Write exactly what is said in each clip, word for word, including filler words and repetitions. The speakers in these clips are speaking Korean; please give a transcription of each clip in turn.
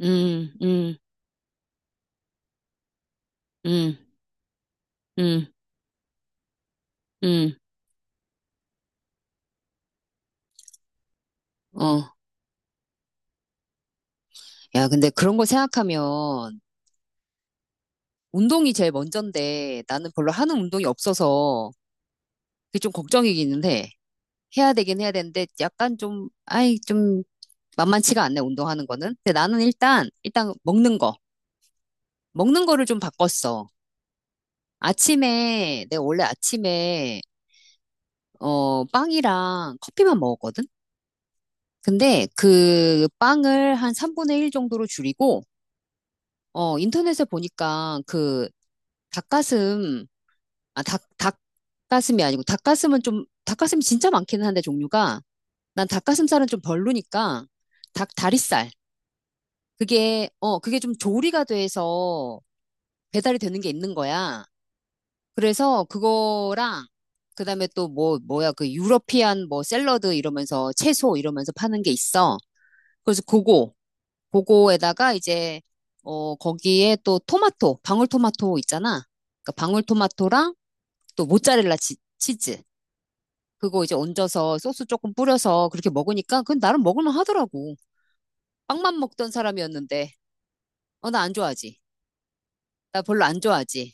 음, 음, 음, 음, 음, 어. 야, 근데 그런 거 생각하면 운동이 제일 먼저인데 나는 별로 하는 운동이 없어서 그게 좀 걱정이기는 해. 해야 되긴 해야 되는데 약간 좀, 아이, 좀 만만치가 않네, 운동하는 거는. 근데 나는 일단, 일단 먹는 거. 먹는 거를 좀 바꿨어. 아침에, 내가 원래 아침에, 어, 빵이랑 커피만 먹었거든? 근데 그 빵을 한 삼분의 일 정도로 줄이고 어, 인터넷에 보니까 그 닭가슴, 아, 닭, 닭가슴이 아니고 닭가슴은 좀, 닭가슴이 진짜 많기는 한데 종류가 난 닭가슴살은 좀 별로니까 닭 다리살. 그게, 어, 그게 좀 조리가 돼서 배달이 되는 게 있는 거야. 그래서 그거랑 그다음에 또 뭐, 뭐야, 그 유러피안 뭐 샐러드 이러면서 채소 이러면서 파는 게 있어. 그래서 그거 그거에다가 이제 어 거기에 또 토마토, 방울토마토 있잖아. 그러니까 방울토마토랑 또 모짜렐라 치, 즈 그거 이제 얹어서 소스 조금 뿌려서 그렇게 먹으니까 그건 나름 먹을만 하더라고. 빵만 먹던 사람이었는데 어 나 안 좋아하지. 나 별로 안 좋아하지.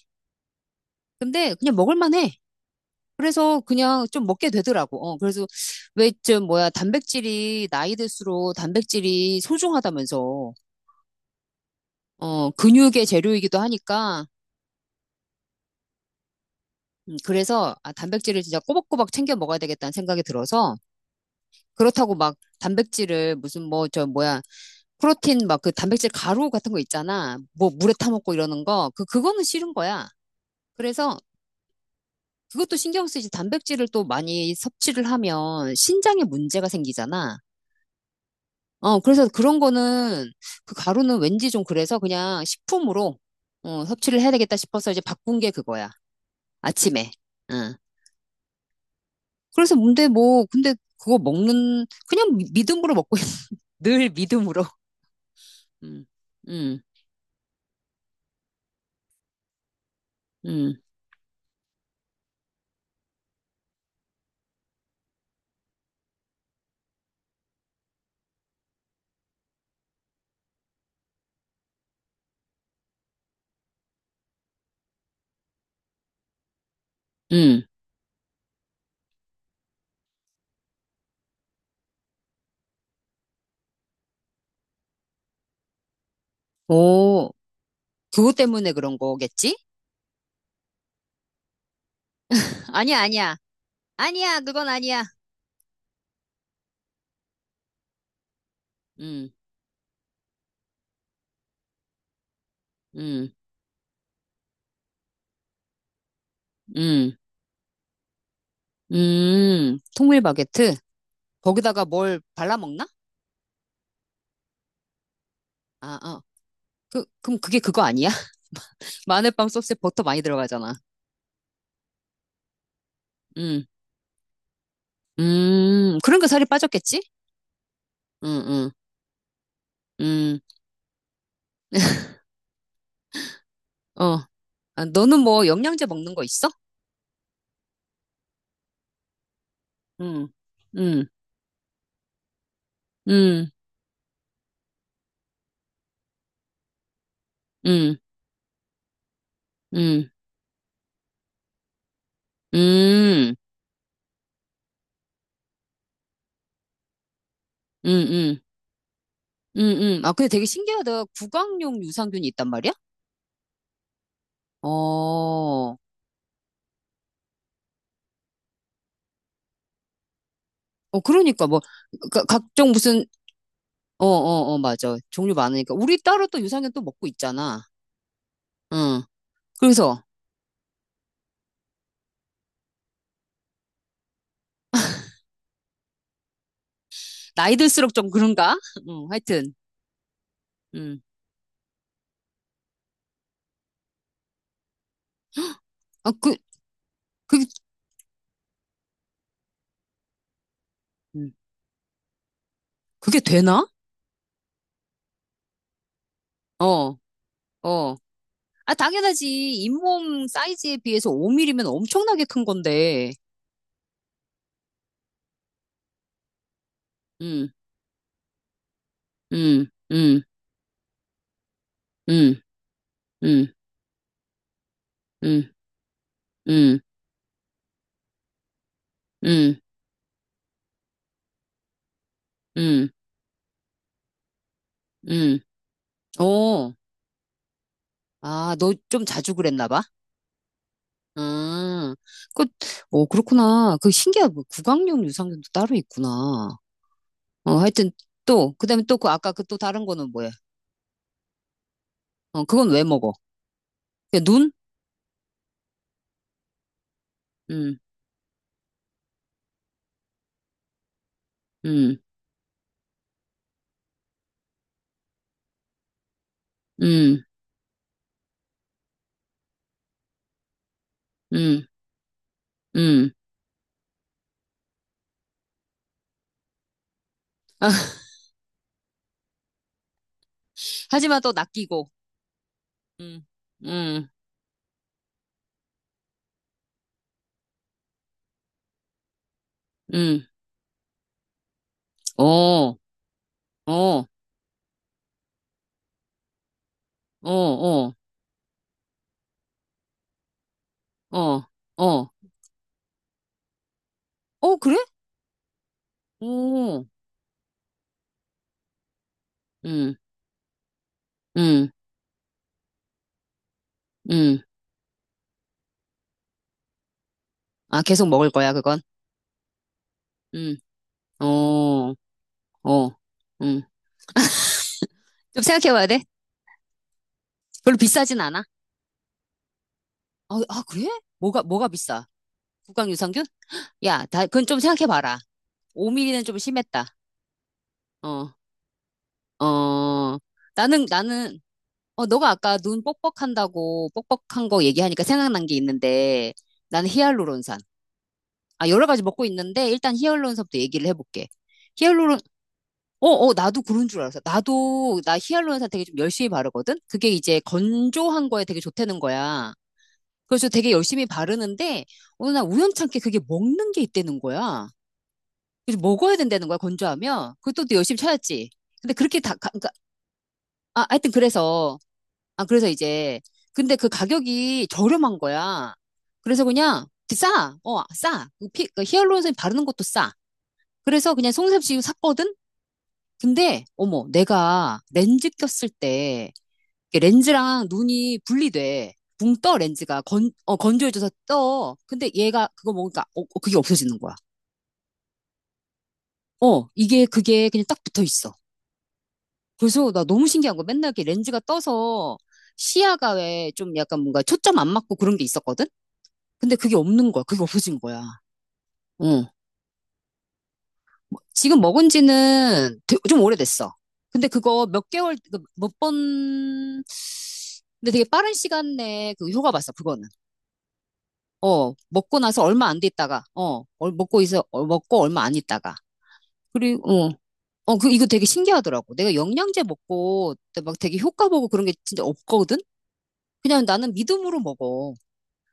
근데 그냥 먹을만 해. 그래서 그냥 좀 먹게 되더라고. 어 그래서 왜 좀 뭐야 단백질이 나이 들수록 단백질이 소중하다면서 어 근육의 재료이기도 하니까 음, 그래서 아, 단백질을 진짜 꼬박꼬박 챙겨 먹어야 되겠다는 생각이 들어서 그렇다고 막 단백질을 무슨 뭐 저 뭐야 프로틴 막 그 단백질 가루 같은 거 있잖아 뭐 물에 타 먹고 이러는 거 그 그거는 싫은 거야. 그래서 그것도 신경 쓰이지 단백질을 또 많이 섭취를 하면 신장에 문제가 생기잖아. 어 그래서 그런 거는 그 가루는 왠지 좀 그래서 그냥 식품으로 어, 섭취를 해야 되겠다 싶어서 이제 바꾼 게 그거야. 아침에. 응. 그래서 근데 뭐, 근데 그거 먹는, 그냥 미- 믿음으로 먹고 있어. 늘 믿음으로. 음, 음, 음, 음. 오, 그것 때문에 그런 거겠지? 아니야, 아니야. 아니야, 그건 아니야. 음, 음, 음, 음. 통밀 바게트? 거기다가 뭘 발라 먹나? 아, 어. 그, 그럼 그게 그거 아니야? 마늘빵 소스에 버터 많이 들어가잖아. 음, 음. 그러니까 살이 빠졌겠지? 응 응 응 어. 아, 너는 뭐 영양제 먹는 거 있어? 음, 음, 음, 음, 음, 음, 음, 음, 음, 음. 아, 근데 되게 신기하다. 구강용 유산균이 있단 말이야? 어, 어, 그러니까 뭐, 가- 각종 무슨, 어, 어, 어, 맞아. 종류 많으니까. 우리 따로 또 유산균 또 먹고 있잖아. 응. 그래서, 나이 들수록 좀 그런가? 응, 하여튼, 응. 아, 그, 그, 음. 그게 되나? 어, 어. 아, 당연하지. 잇몸 사이즈에 비해서 오 밀리미터면 엄청나게 큰 건데. 응. 음, 음, 음, 음, 음, 음, 음, 음, 음. 오, 아, 너 좀 자주 그랬나 봐? 음, 그, 오, 그렇구나. 그 신기하다. 뭐 구강용 유산균도 따로 있구나. 어, 하여튼 또, 그다음에 또 그 아까 그 또 다른 거는 뭐야? 어, 그건 왜 먹어? 그 눈? 음, 음, 음, 음, 음. 하지만 또 낚이고. 음, 음, 음. 어, 어, 어, 어, 어, 어. 어, 그래? 오. 음, 음, 음. 아, 계속 먹을 거야, 그건? 음, 어, 어, 음. 좀 생각해 봐야 돼. 별로 비싸진 않아. 어, 아, 아, 그래? 뭐가, 뭐가 비싸? 국강유산균? 야, 다, 그건 좀 생각해 봐라. 오 밀리미터는 좀 심했다. 어, 어. 나는, 나는, 어, 너가 아까 눈 뻑뻑한다고, 뻑뻑한 거 얘기하니까 생각난 게 있는데, 나는 히알루론산. 아, 여러 가지 먹고 있는데, 일단 히알루론산부터 얘기를 해볼게. 히알루론, 어, 어, 나도 그런 줄 알았어. 나도, 나 히알루론산 되게 좀 열심히 바르거든? 그게 이제 건조한 거에 되게 좋다는 거야. 그래서 되게 열심히 바르는데, 어느 날 우연찮게 그게 먹는 게 있다는 거야. 그래서 먹어야 된다는 거야, 건조하면. 그것도 또 열심히 찾았지. 근데 그렇게 다, 가, 그러니까, 아, 하여튼 그래서, 아, 그래서 이제, 근데 그 가격이 저렴한 거야. 그래서 그냥, 싸, 어, 싸. 그 피, 그 히알루론산 바르는 것도 싸. 그래서 그냥 송샘씨 샀거든? 근데, 어머, 내가 렌즈 꼈을 때, 이게 렌즈랑 눈이 분리돼. 붕 떠, 렌즈가. 건, 어, 건조해져서 떠. 근데 얘가 그거 먹으니까, 어, 어, 그게 없어지는 거야. 어, 이게, 그게 그냥 딱 붙어 있어. 그래서 나 너무 신기한 거. 맨날 이렇게 렌즈가 떠서 시야가 왜 좀 약간 뭔가 초점 안 맞고 그런 게 있었거든? 근데 그게 없는 거야. 그게 없어진 거야. 어. 뭐, 지금 먹은 지는 되- 좀 오래됐어. 근데 그거 몇 개월, 그 몇 번, 근데 되게 빠른 시간 내에 그 효과 봤어, 그거는. 어, 먹고 나서 얼마 안 됐다가 어, 얼- 먹고 있어, 어, 먹고 얼마 안 있다가. 그리고, 어, 어, 그, 이거 되게 신기하더라고. 내가 영양제 먹고 막 되게 효과 보고 그런 게 진짜 없거든? 그냥 나는 믿음으로 먹어.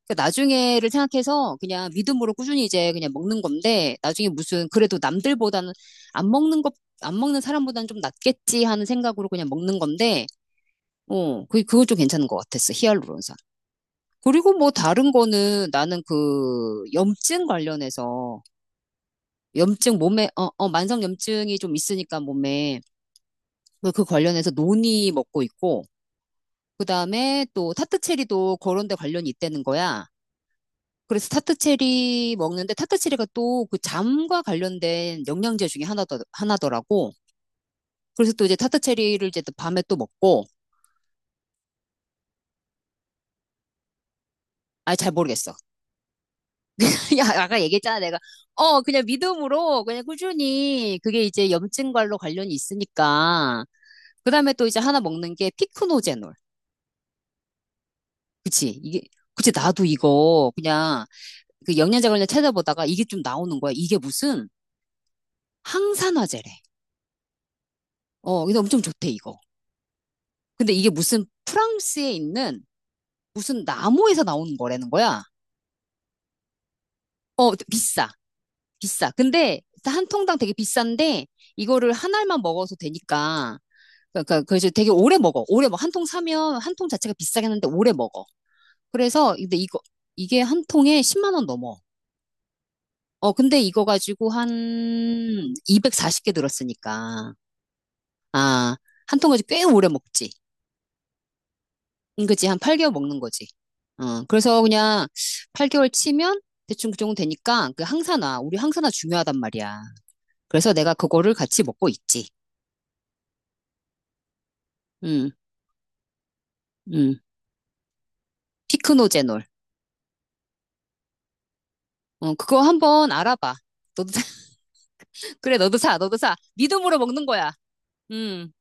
그러니까 나중에를 생각해서 그냥 믿음으로 꾸준히 이제 그냥 먹는 건데, 나중에 무슨, 그래도 남들보다는 안 먹는 것, 안 먹는 사람보다는 좀 낫겠지 하는 생각으로 그냥 먹는 건데, 어, 그, 그거 좀 괜찮은 것 같았어. 히알루론산. 그리고 뭐 다른 거는 나는 그 염증 관련해서 염증 몸에 어, 어 만성 염증이 좀 있으니까 몸에 뭐그 관련해서 논이 먹고 있고 그다음에 또 타트체리도 그런 데 관련이 있다는 거야. 그래서 타트체리 먹는데 타트체리가 또 그 잠과 관련된 영양제 중에 하나더 하나더라고. 그래서 또 이제 타트체리를 이제 또 밤에 또 먹고 아 잘 모르겠어. 야 아까 얘기했잖아 내가 어 그냥 믿음으로 그냥 꾸준히 그게 이제 염증과로 관련이 있으니까 그다음에 또 이제 하나 먹는 게 피크노제놀. 그치. 이게, 그치. 나도 이거 그냥 그 영양제 관련 찾아보다가 이게 좀 나오는 거야. 이게 무슨 항산화제래. 어, 근데 엄청 좋대, 이거. 근데 이게 무슨 프랑스에 있는 무슨 나무에서 나오는 거라는 거야. 어, 비싸. 비싸. 근데 한 통당 되게 비싼데 이거를 한 알만 먹어서 되니까. 그러니까 그래서 되게 오래 먹어. 오래 먹어. 한 통 사면 한 통 자체가 비싸긴 한데 오래 먹어. 그래서 근데 이거 이게 한 통에 십만 원 넘어. 어, 근데 이거 가지고 한 이백사십 개 들었으니까. 아, 한 통까지 꽤 오래 먹지. 응, 그치. 한 팔 개월 먹는 거지. 어, 그래서 그냥 팔 개월 치면 대충 그 정도 되니까 그 항산화, 우리 항산화 중요하단 말이야. 그래서 내가 그거를 같이 먹고 있지. 응, 응. 피크노제놀. 어, 그거 한번 알아봐. 너도, 사- 그래, 너도 사, 너도 사. 믿음으로 먹는 거야. 응.